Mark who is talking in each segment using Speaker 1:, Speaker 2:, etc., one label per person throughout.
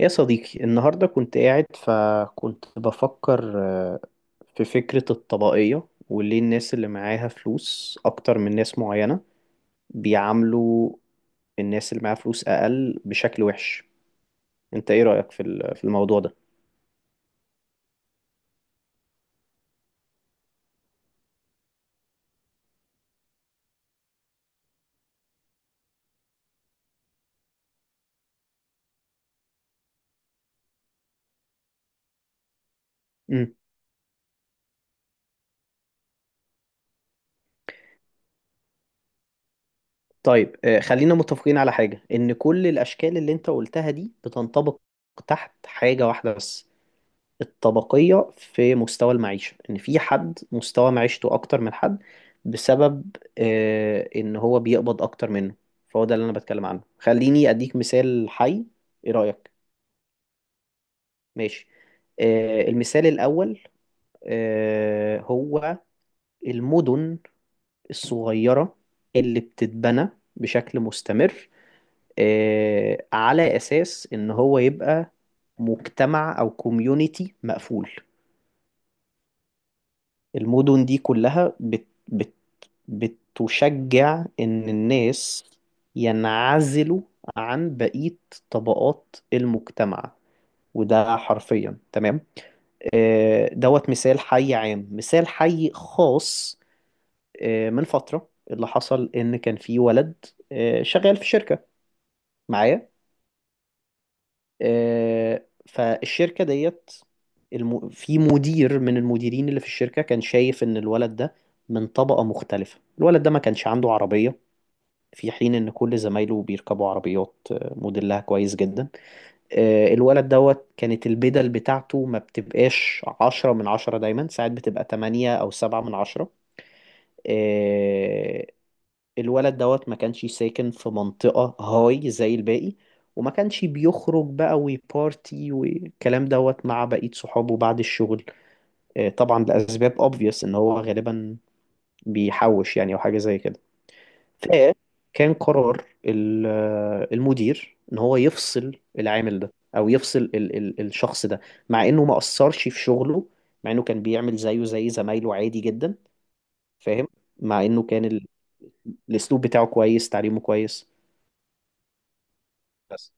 Speaker 1: يا صديقي النهاردة كنت قاعد فكنت بفكر في فكرة الطبقية وليه الناس اللي معاها فلوس أكتر من ناس معينة بيعاملوا الناس اللي معاها فلوس أقل بشكل وحش. أنت إيه رأيك في في الموضوع ده؟ مم. طيب، خلينا متفقين على حاجة، إن كل الأشكال اللي أنت قلتها دي بتنطبق تحت حاجة واحدة بس: الطبقية في مستوى المعيشة، إن في حد مستوى معيشته أكتر من حد بسبب إن هو بيقبض أكتر منه. فهو ده اللي أنا بتكلم عنه. خليني أديك مثال حي. إيه رأيك؟ ماشي. المثال الأول، هو المدن الصغيرة اللي بتتبنى بشكل مستمر على أساس إن هو يبقى مجتمع أو كوميونيتي مقفول. المدن دي كلها بت بت بتشجع إن الناس ينعزلوا عن بقية طبقات المجتمع، وده حرفيا تمام. دوت مثال حي عام. مثال حي خاص: من فترة اللي حصل إن كان في ولد شغال في شركة معايا. فالشركة ديت، في مدير من المديرين اللي في الشركة كان شايف إن الولد ده من طبقة مختلفة. الولد ده ما كانش عنده عربية في حين ان كل زمايله بيركبوا عربيات موديلها كويس جدا. الولد دوت كانت البدل بتاعته ما بتبقاش عشرة من عشرة دايما، ساعات بتبقى تمانية او سبعة من عشرة. آه، الولد دوت ما كانش ساكن في منطقة هاي زي الباقي، وما كانش بيخرج بقى وبارتي والكلام دوت مع بقية صحابه بعد الشغل طبعا لأسباب obvious ان هو غالبا بيحوش يعني او حاجة زي كده. فكان قرار المدير ان هو يفصل العامل ده، او يفصل ال ال الشخص ده، مع انه ما اثرش في شغله، مع انه كان بيعمل زيه زي زمايله عادي جدا. فاهم. مع انه كان الاسلوب بتاعه كويس، تعليمه كويس، بس.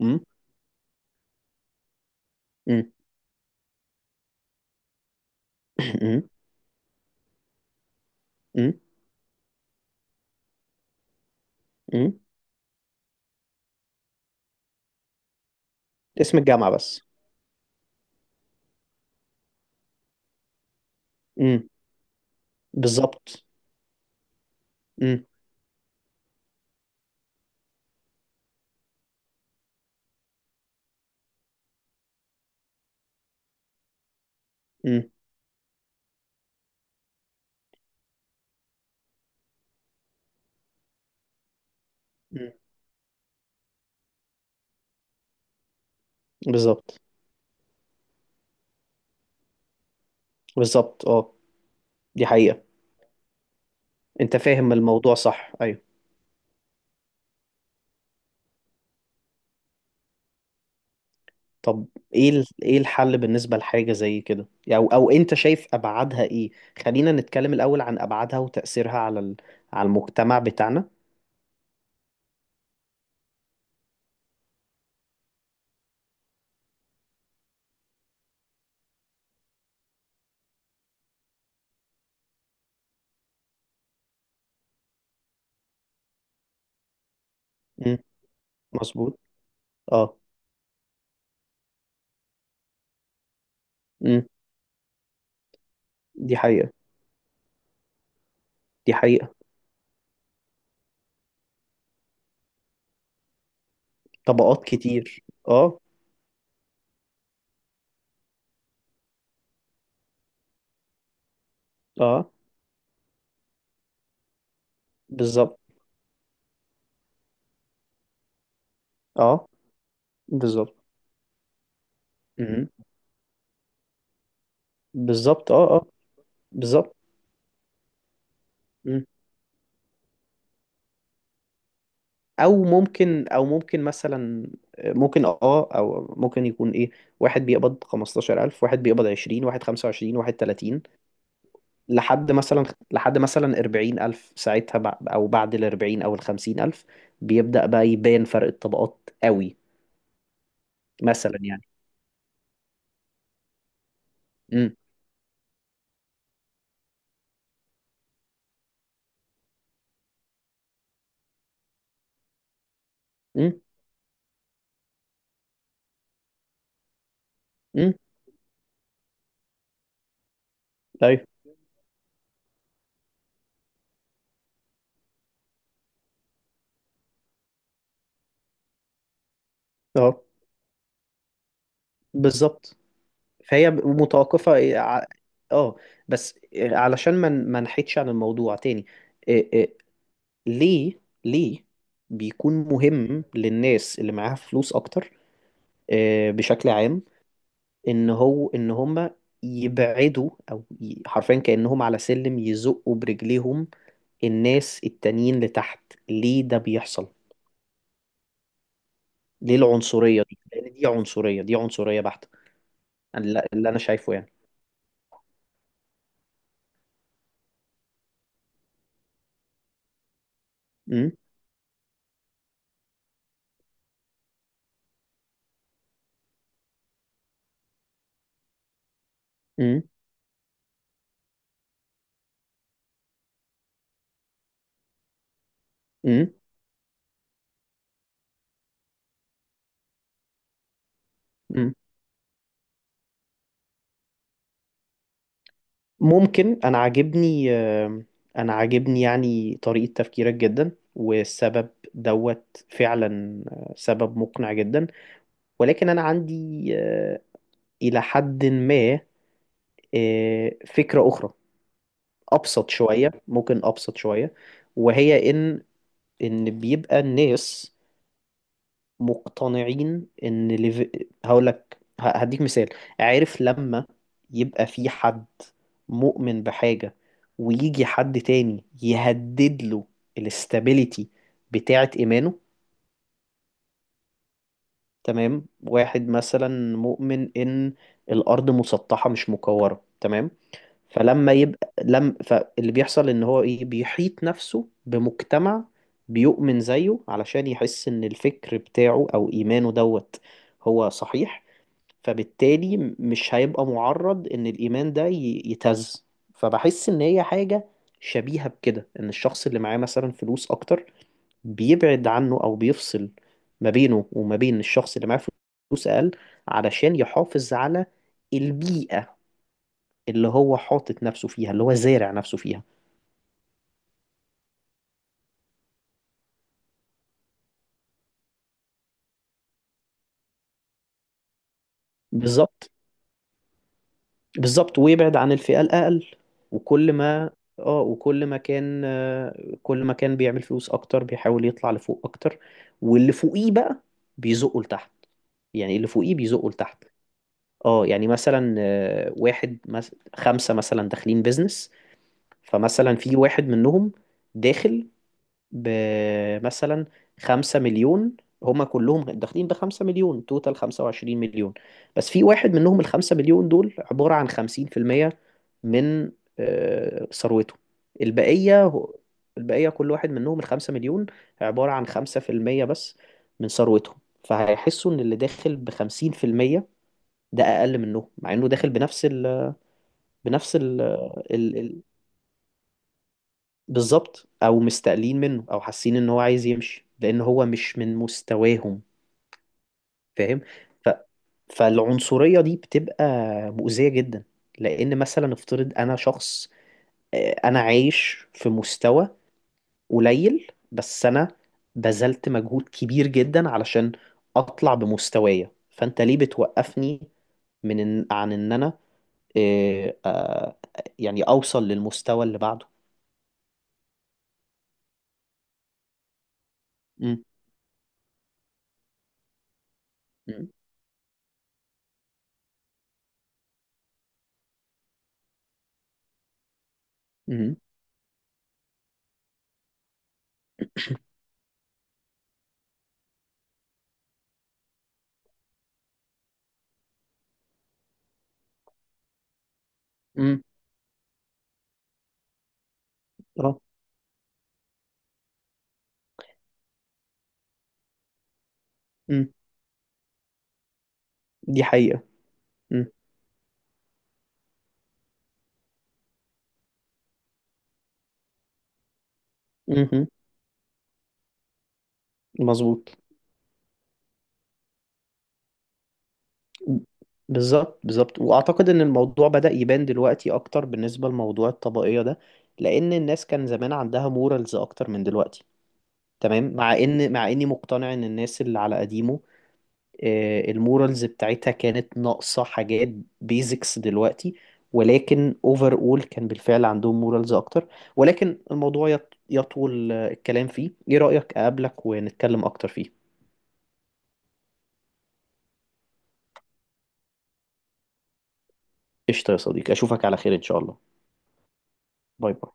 Speaker 1: امم امم امم امم امم اسم الجامعة بس. امم. بالظبط. امم. امم. أمم. بالظبط. بالظبط اه. دي حقيقة. انت فاهم الموضوع صح، ايوه. طب، ايه ايه الحل بالنسبة لحاجة زي كده؟ او انت شايف ابعادها ايه؟ خلينا نتكلم الاول عن ابعادها وتأثيرها على على المجتمع بتاعنا. امم، مظبوط اه. امم، دي حقيقة. دي حقيقة. طبقات كتير اه. اه، بالظبط. اه، بالظبط. امم، بالظبط. اه اه، بالظبط. امم. او ممكن مثلا، ممكن اه، او ممكن يكون ايه: واحد بيقبض 15000، واحد بيقبض 20، واحد 25، واحد 30، لحد مثلا، 40000، ساعتها أو بعد ال 40 أو ال 50000 بيبدأ بقى يبان فرق الطبقات قوي، مثلا يعني. امم. امم. امم. أيوه. أه، بالظبط. فهي متوقفة أه. بس علشان ما نحيدش عن الموضوع تاني. إيه ليه بيكون مهم للناس اللي معاها فلوس أكتر بشكل عام، ان هو ان هم يبعدوا حرفيا كأنهم على سلم يزقوا برجليهم الناس التانيين لتحت؟ ليه ده بيحصل؟ ليه العنصرية دي؟ لان دي عنصرية، دي عنصرية بحتة اللي انا شايفه يعني. م؟ م؟ م؟ م؟ ممكن. انا عاجبني، يعني طريقة تفكيرك جدا، والسبب دوت فعلا سبب مقنع جدا. ولكن انا عندي الى حد ما فكرة اخرى. ابسط شويه ممكن ابسط شويه. وهي ان بيبقى الناس مقتنعين ان هقول لك، هديك مثال. عارف لما يبقى في حد مؤمن بحاجه، ويجي حد تاني يهدد له الاستابيليتي بتاعه، ايمانه. تمام. واحد مثلا مؤمن ان الارض مسطحه مش مكوره. تمام. فلما يبقى لم فاللي بيحصل ان هو ايه، بيحيط نفسه بمجتمع بيؤمن زيه، علشان يحس ان الفكر بتاعه او ايمانه دوت هو صحيح، فبالتالي مش هيبقى معرض ان الايمان ده يتهز. فبحس ان هي حاجة شبيهة بكده، ان الشخص اللي معاه مثلا فلوس اكتر بيبعد عنه، او بيفصل ما بينه وما بين الشخص اللي معاه فلوس اقل، علشان يحافظ على البيئة اللي هو حاطط نفسه فيها، اللي هو زارع نفسه فيها. بالظبط. بالظبط، ويبعد عن الفئة الأقل. وكل ما اه وكل ما كان آه، كل ما كان بيعمل فلوس أكتر بيحاول يطلع لفوق أكتر، واللي فوقيه بقى بيزقه لتحت. يعني اللي فوقيه بيزقه لتحت. اه، يعني مثلا واحد خمسة مثلا داخلين بيزنس، فمثلا في واحد منهم داخل بمثلا خمسة مليون. هما كلهم داخلين بخمسة مليون، توتال خمسة وعشرين مليون، بس في واحد منهم الخمسة مليون دول عبارة عن خمسين في المية من ثروته. البقية هو- البقية كل واحد منهم الخمسة مليون عبارة عن خمسة في المية بس من ثروتهم. فهيحسوا إن اللي داخل بخمسين في المية ده أقل منهم، مع إنه داخل بنفس ال. بالظبط، او مستقلين منه، او حاسين ان هو عايز يمشي لان هو مش من مستواهم. فاهم. ف... فالعنصرية دي بتبقى مؤذية جدا، لان مثلا افترض انا شخص انا عايش في مستوى قليل، بس انا بذلت مجهود كبير جدا علشان اطلع بمستوايا، فانت ليه بتوقفني من عن ان انا آه، آه، يعني اوصل للمستوى اللي بعده؟ امم. امم. امم اه. م- دي حقيقة. مم. مهم. مظبوط. بالظبط. بالظبط، واعتقد ان الموضوع بدأ يبان دلوقتي اكتر بالنسبة لموضوع الطبقية ده، لان الناس كان زمان عندها مورالز اكتر من دلوقتي. تمام. مع ان، مع اني مقتنع ان الناس اللي على قديمه المورالز بتاعتها كانت ناقصة حاجات بيزكس دلوقتي، ولكن اوفر اول كان بالفعل عندهم مورالز اكتر. ولكن الموضوع يطول الكلام فيه. ايه رأيك اقابلك ونتكلم اكتر فيه؟ قشطة يا صديقي، اشوفك على خير ان شاء الله. باي باي.